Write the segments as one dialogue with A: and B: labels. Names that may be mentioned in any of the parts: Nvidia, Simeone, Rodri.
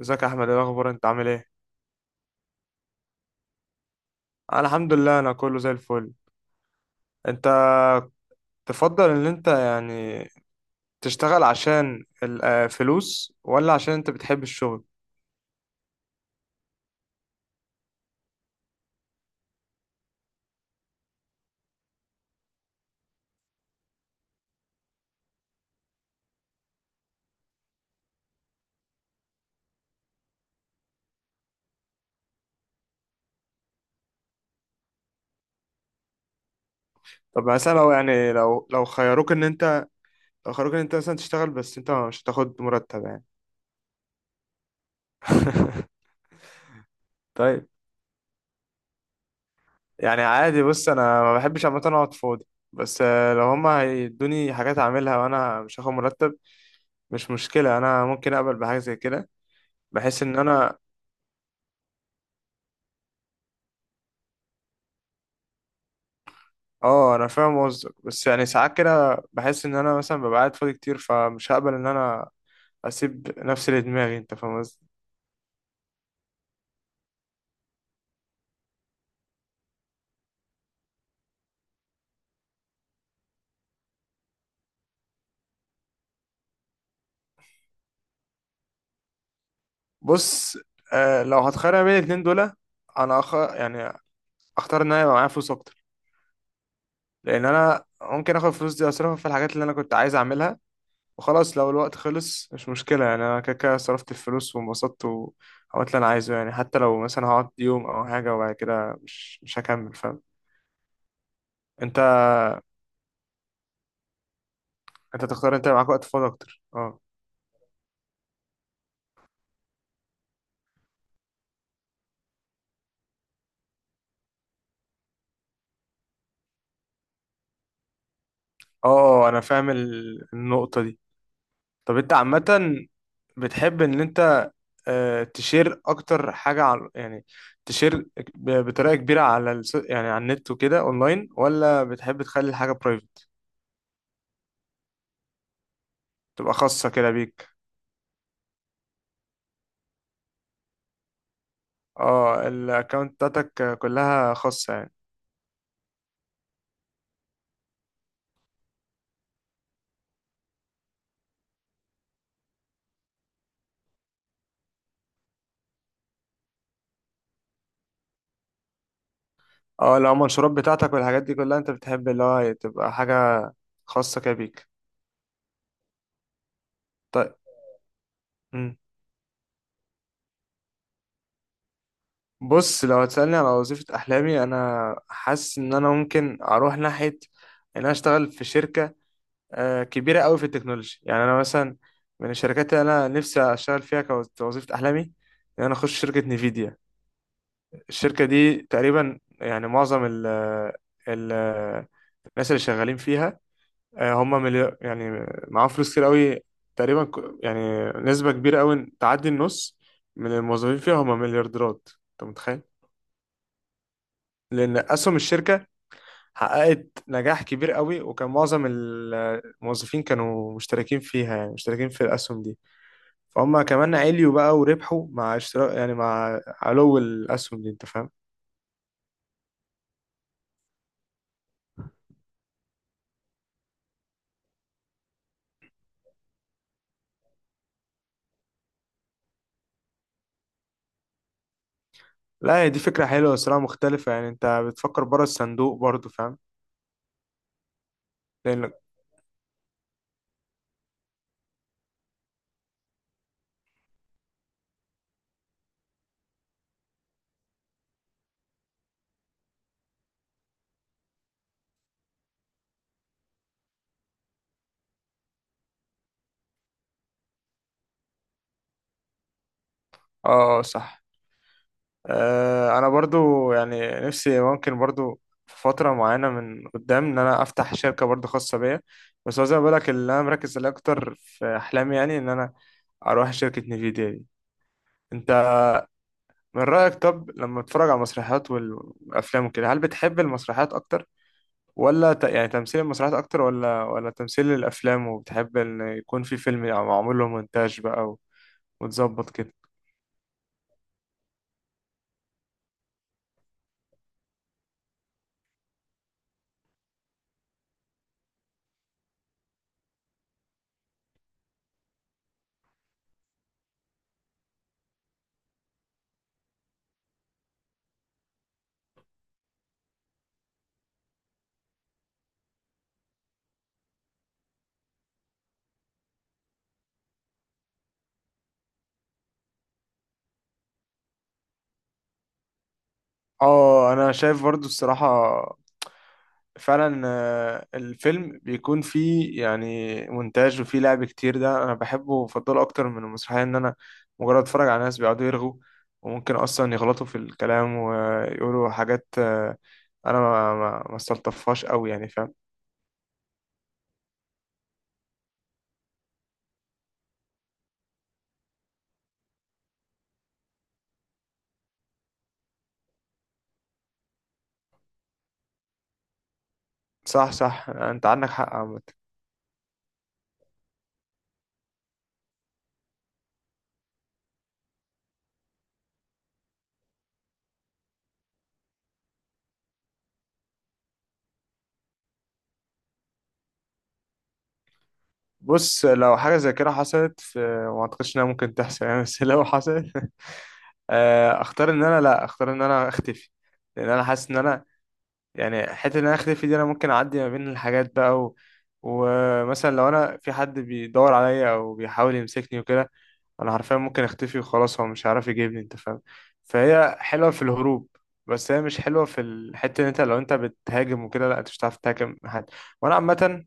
A: ازيك يا احمد، ايه الاخبار؟ انت عامل ايه؟ انا الحمد لله، انا كله زي الفل. انت؟ تفضل ان انت، يعني، تشتغل عشان الفلوس ولا عشان انت بتحب الشغل؟ طب مثلا لو يعني لو خيروك ان انت، مثلا تشتغل بس انت مش هتاخد مرتب يعني؟ طيب. يعني عادي. بص، انا ما بحبش عامه اقعد فاضي، بس لو هما هيدوني حاجات اعملها وانا مش هاخد مرتب، مش مشكله. انا ممكن اقبل بحاجه زي كده، بحيث ان انا... اه، انا فاهم قصدك، بس يعني ساعات كده بحس ان انا مثلا ببقى قاعد فاضي كتير، فمش هقبل ان انا اسيب نفسي لدماغي. انت فاهم قصدي؟ بص، لو هتخير ما بين الاتنين دول، انا يعني اختار ان انا يبقى معايا فلوس اكتر. لان انا ممكن اخد الفلوس دي اصرفها في الحاجات اللي انا كنت عايز اعملها، وخلاص. لو الوقت خلص مش مشكله، يعني انا كده كده صرفت الفلوس وانبسطت وعملت اللي انا عايزه. يعني حتى لو مثلا هقعد يوم او حاجه وبعد كده مش هكمل، فاهم؟ انت انت تختار انت يبقى معاك وقت فاضي اكتر، اه. اه، انا فاهم النقطة دي. طب انت عامة بتحب ان انت، تشير اكتر حاجة على، يعني، تشير بطريقة كبيرة على يعني على النت وكده اونلاين، ولا بتحب تخلي الحاجة برايفت، تبقى خاصة كده بيك؟ اه، الاكونت بتاعتك كلها خاصة يعني. اه، لو المنشورات بتاعتك والحاجات دي كلها انت بتحب اللي هو تبقى حاجة خاصة كده بيك. طيب. مم. بص لو هتسألني على وظيفة أحلامي، أنا حاسس إن أنا ممكن أروح ناحية إن أنا أشتغل في شركة كبيرة أوي في التكنولوجي. يعني أنا مثلا من الشركات اللي أنا نفسي أشتغل فيها كوظيفة أحلامي إن أنا أخش شركة نيفيديا. الشركة دي تقريبا، يعني، معظم ال الناس اللي شغالين فيها، هم مليار، يعني معاهم فلوس كتير أوي. تقريبا يعني نسبة كبيرة أوي تعدي النص من الموظفين فيها هم مليارديرات، أنت متخيل؟ لأن أسهم الشركة حققت نجاح كبير قوي، وكان معظم الموظفين كانوا مشتركين فيها، يعني مشتركين في الأسهم دي، فهم كمان عليوا بقى وربحوا مع اشتراك، يعني مع علو الأسهم دي، أنت فاهم لا هي دي فكرة حلوة الصراحة مختلفة يعني أنت بتفكر بره الصندوق برضو فاهم؟ لأنك... آه آه، صح. أنا برضو يعني نفسي ممكن برضو في فترة معينة من قدام إن أنا أفتح شركة برضو خاصة بيا، بس هو زي ما بقولك اللي أنا مركز عليه أكتر في أحلامي، يعني إن أنا أروح شركة نيفيديا دي. انت، من رأيك طب لما تتفرج على المسرحيات والافلام وكده، هل بتحب المسرحيات اكتر، ولا يعني تمثيل المسرحيات اكتر، ولا تمثيل الافلام، وبتحب ان يكون في فيلم معمول له مونتاج بقى وتظبط كده؟ اه، انا شايف برضو الصراحة، فعلا الفيلم بيكون فيه يعني مونتاج وفيه لعب كتير، ده انا بحبه وبفضله اكتر من المسرحيه. ان انا مجرد اتفرج على ناس بيقعدوا يرغوا وممكن اصلا يغلطوا في الكلام ويقولوا حاجات، انا ما استلطفهاش قوي يعني، فاهم؟ صح، صح، انت عندك حق عامة. بص لو حاجه زي كده حصلت، في، ما اعتقدش انها ممكن تحصل يعني، بس لو حصلت اختار ان انا، لا، اختار ان انا اختفي. لان انا حاسس ان انا، يعني، حتة ان انا اختفي دي، انا ممكن اعدي ما بين الحاجات بقى، و... ومثلا لو انا في حد بيدور عليا او بيحاول يمسكني وكده، انا حرفيا ممكن اختفي وخلاص. هو مش هيعرف يجيبني، انت فاهم؟ فهي حلوة في الهروب، بس هي مش حلوة في الحتة ان انت لو انت بتهاجم وكده، لا، انت مش هتعرف تهاجم حد. وانا عامة،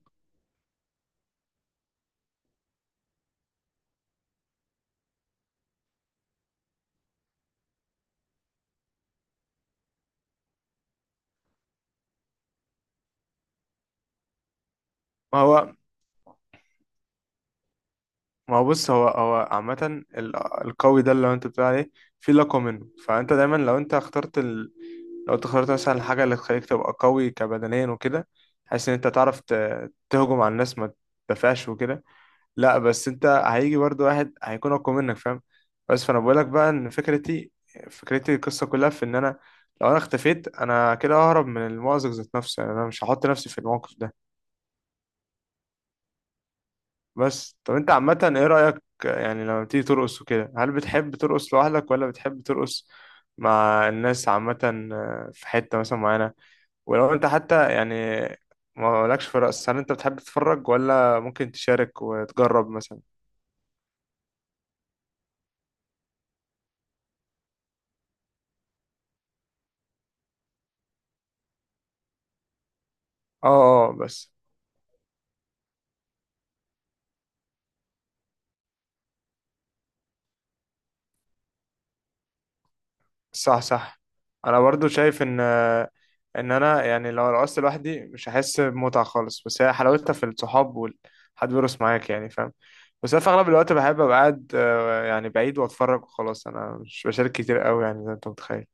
A: ما هو ما هو بص، هو عامة القوي ده اللي انت بتقول عليه في لقب منه، فانت دايما لو انت لو انت اخترت مثلا الحاجة اللي تخليك تبقى قوي كبدنيا وكده، حاسس ان انت تعرف تهجم على الناس، ما تدافعش وكده. لا بس انت هيجي برضو واحد هيكون اقوى منك، فاهم؟ بس فانا بقولك بقى ان فكرتي القصة كلها في ان انا لو انا اختفيت انا كده ههرب من المأزق ذات نفسه، يعني انا مش هحط نفسي في الموقف ده. بس طب انت عامة ايه رأيك يعني لما بتيجي ترقص وكده، هل بتحب ترقص لوحدك، ولا بتحب ترقص مع الناس عامة؟ في حتة مثلا معينة، ولو انت حتى يعني ما لكش في الرقص، هل انت بتحب تتفرج، ولا ممكن تشارك وتجرب مثلا؟ اه، اه، بس، صح، صح. انا برضو شايف ان انا يعني لو رقصت لوحدي مش هحس بمتعه خالص، بس هي حلاوتها في الصحاب والحد بيرقص معاك يعني، فاهم؟ بس انا في اغلب الوقت بحب ابقى قاعد يعني بعيد واتفرج وخلاص. انا مش بشارك كتير قوي يعني، زي ما انت متخيل.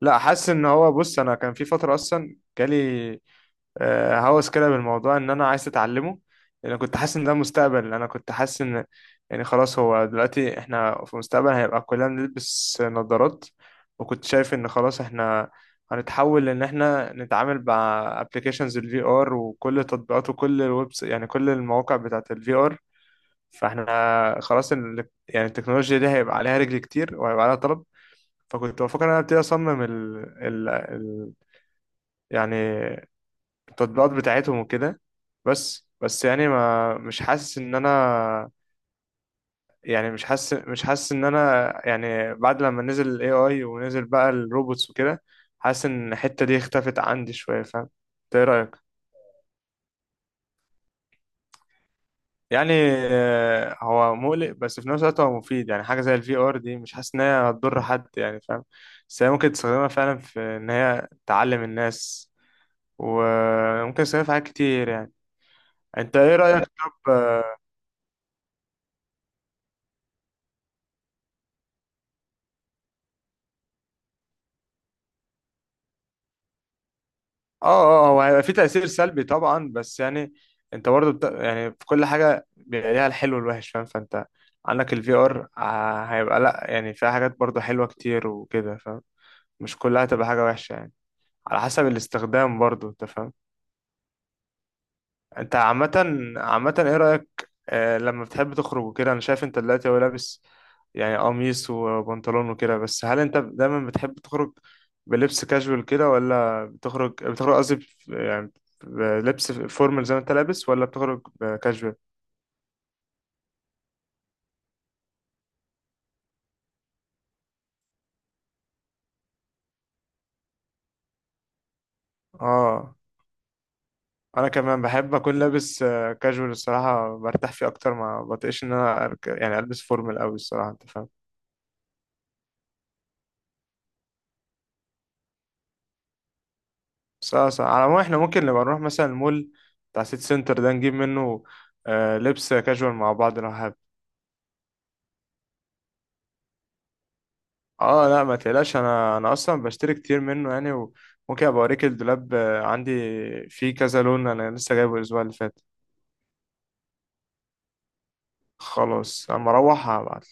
A: لا، حاسس ان هو، بص انا كان في فتره اصلا جالي هوس كده بالموضوع ان انا عايز اتعلمه. لان كنت حاسس ان ده مستقبل. انا كنت حاسس ان، يعني، خلاص هو دلوقتي احنا في المستقبل، هيبقى كلنا بنلبس نظارات. وكنت شايف ان خلاص احنا هنتحول ان احنا نتعامل مع ابلكيشنز الفي ار وكل تطبيقات وكل الويب، يعني كل المواقع بتاعت الفي ار. فاحنا خلاص يعني التكنولوجيا دي هيبقى عليها رجل كتير وهيبقى عليها طلب. فكنت بفكر ان انا ابتدي اصمم ال... ال... يعني التطبيقات بتاعتهم وكده. بس يعني ما مش حاسس ان انا، يعني مش حاسس ان انا، يعني بعد لما نزل الاي اي ونزل بقى الروبوتس وكده، حاسس ان الحتة دي اختفت عندي شوية، فاهم؟ إنت ايه رأيك؟ يعني هو مقلق، بس في نفس الوقت هو مفيد. يعني حاجة زي الفي ار دي مش حاسس ان هي هتضر حد يعني، فاهم؟ بس هي ممكن تستخدمها فعلا في ان هي تعلم الناس، وممكن تستخدمها في حاجات كتير يعني. انت ايه رأيك طب؟ اه، اه، هو هيبقى في تأثير سلبي طبعا، بس يعني انت برضه يعني في كل حاجة بيبقى ليها الحلو والوحش، فاهم؟ فانت عندك الفي ار هيبقى، لا، يعني فيها حاجات برضه حلوة كتير وكده، فاهم؟ مش كلها تبقى حاجة وحشة يعني، على حسب الاستخدام برضه، انت فاهم. انت عامة، عامة ايه رأيك لما بتحب تخرج وكده؟ انا شايف انت دلوقتي هو لابس يعني قميص وبنطلون وكده، بس هل انت دايما بتحب تخرج بلبس كاجوال كده، ولا بتخرج قصدي يعني بلبس فورمال زي ما انت لابس، ولا بتخرج كاجوال؟ اه، انا كمان بحب اكون لابس كاجوال، الصراحة برتاح فيه اكتر. ما بطيقش ان انا يعني البس فورمال قوي الصراحة، انت فاهم. سا سا على العموم احنا ممكن نبقى نروح مثلا المول بتاع سيتي سنتر ده، نجيب منه لبس كاجوال مع بعض لو حابب. اه، لا، ما تقلقش. انا اصلا بشتري كتير منه يعني، وممكن ابقى اوريك الدولاب. عندي فيه كذا لون، انا لسه جايبه الاسبوع اللي فات. خلاص، اما اروح هبعت.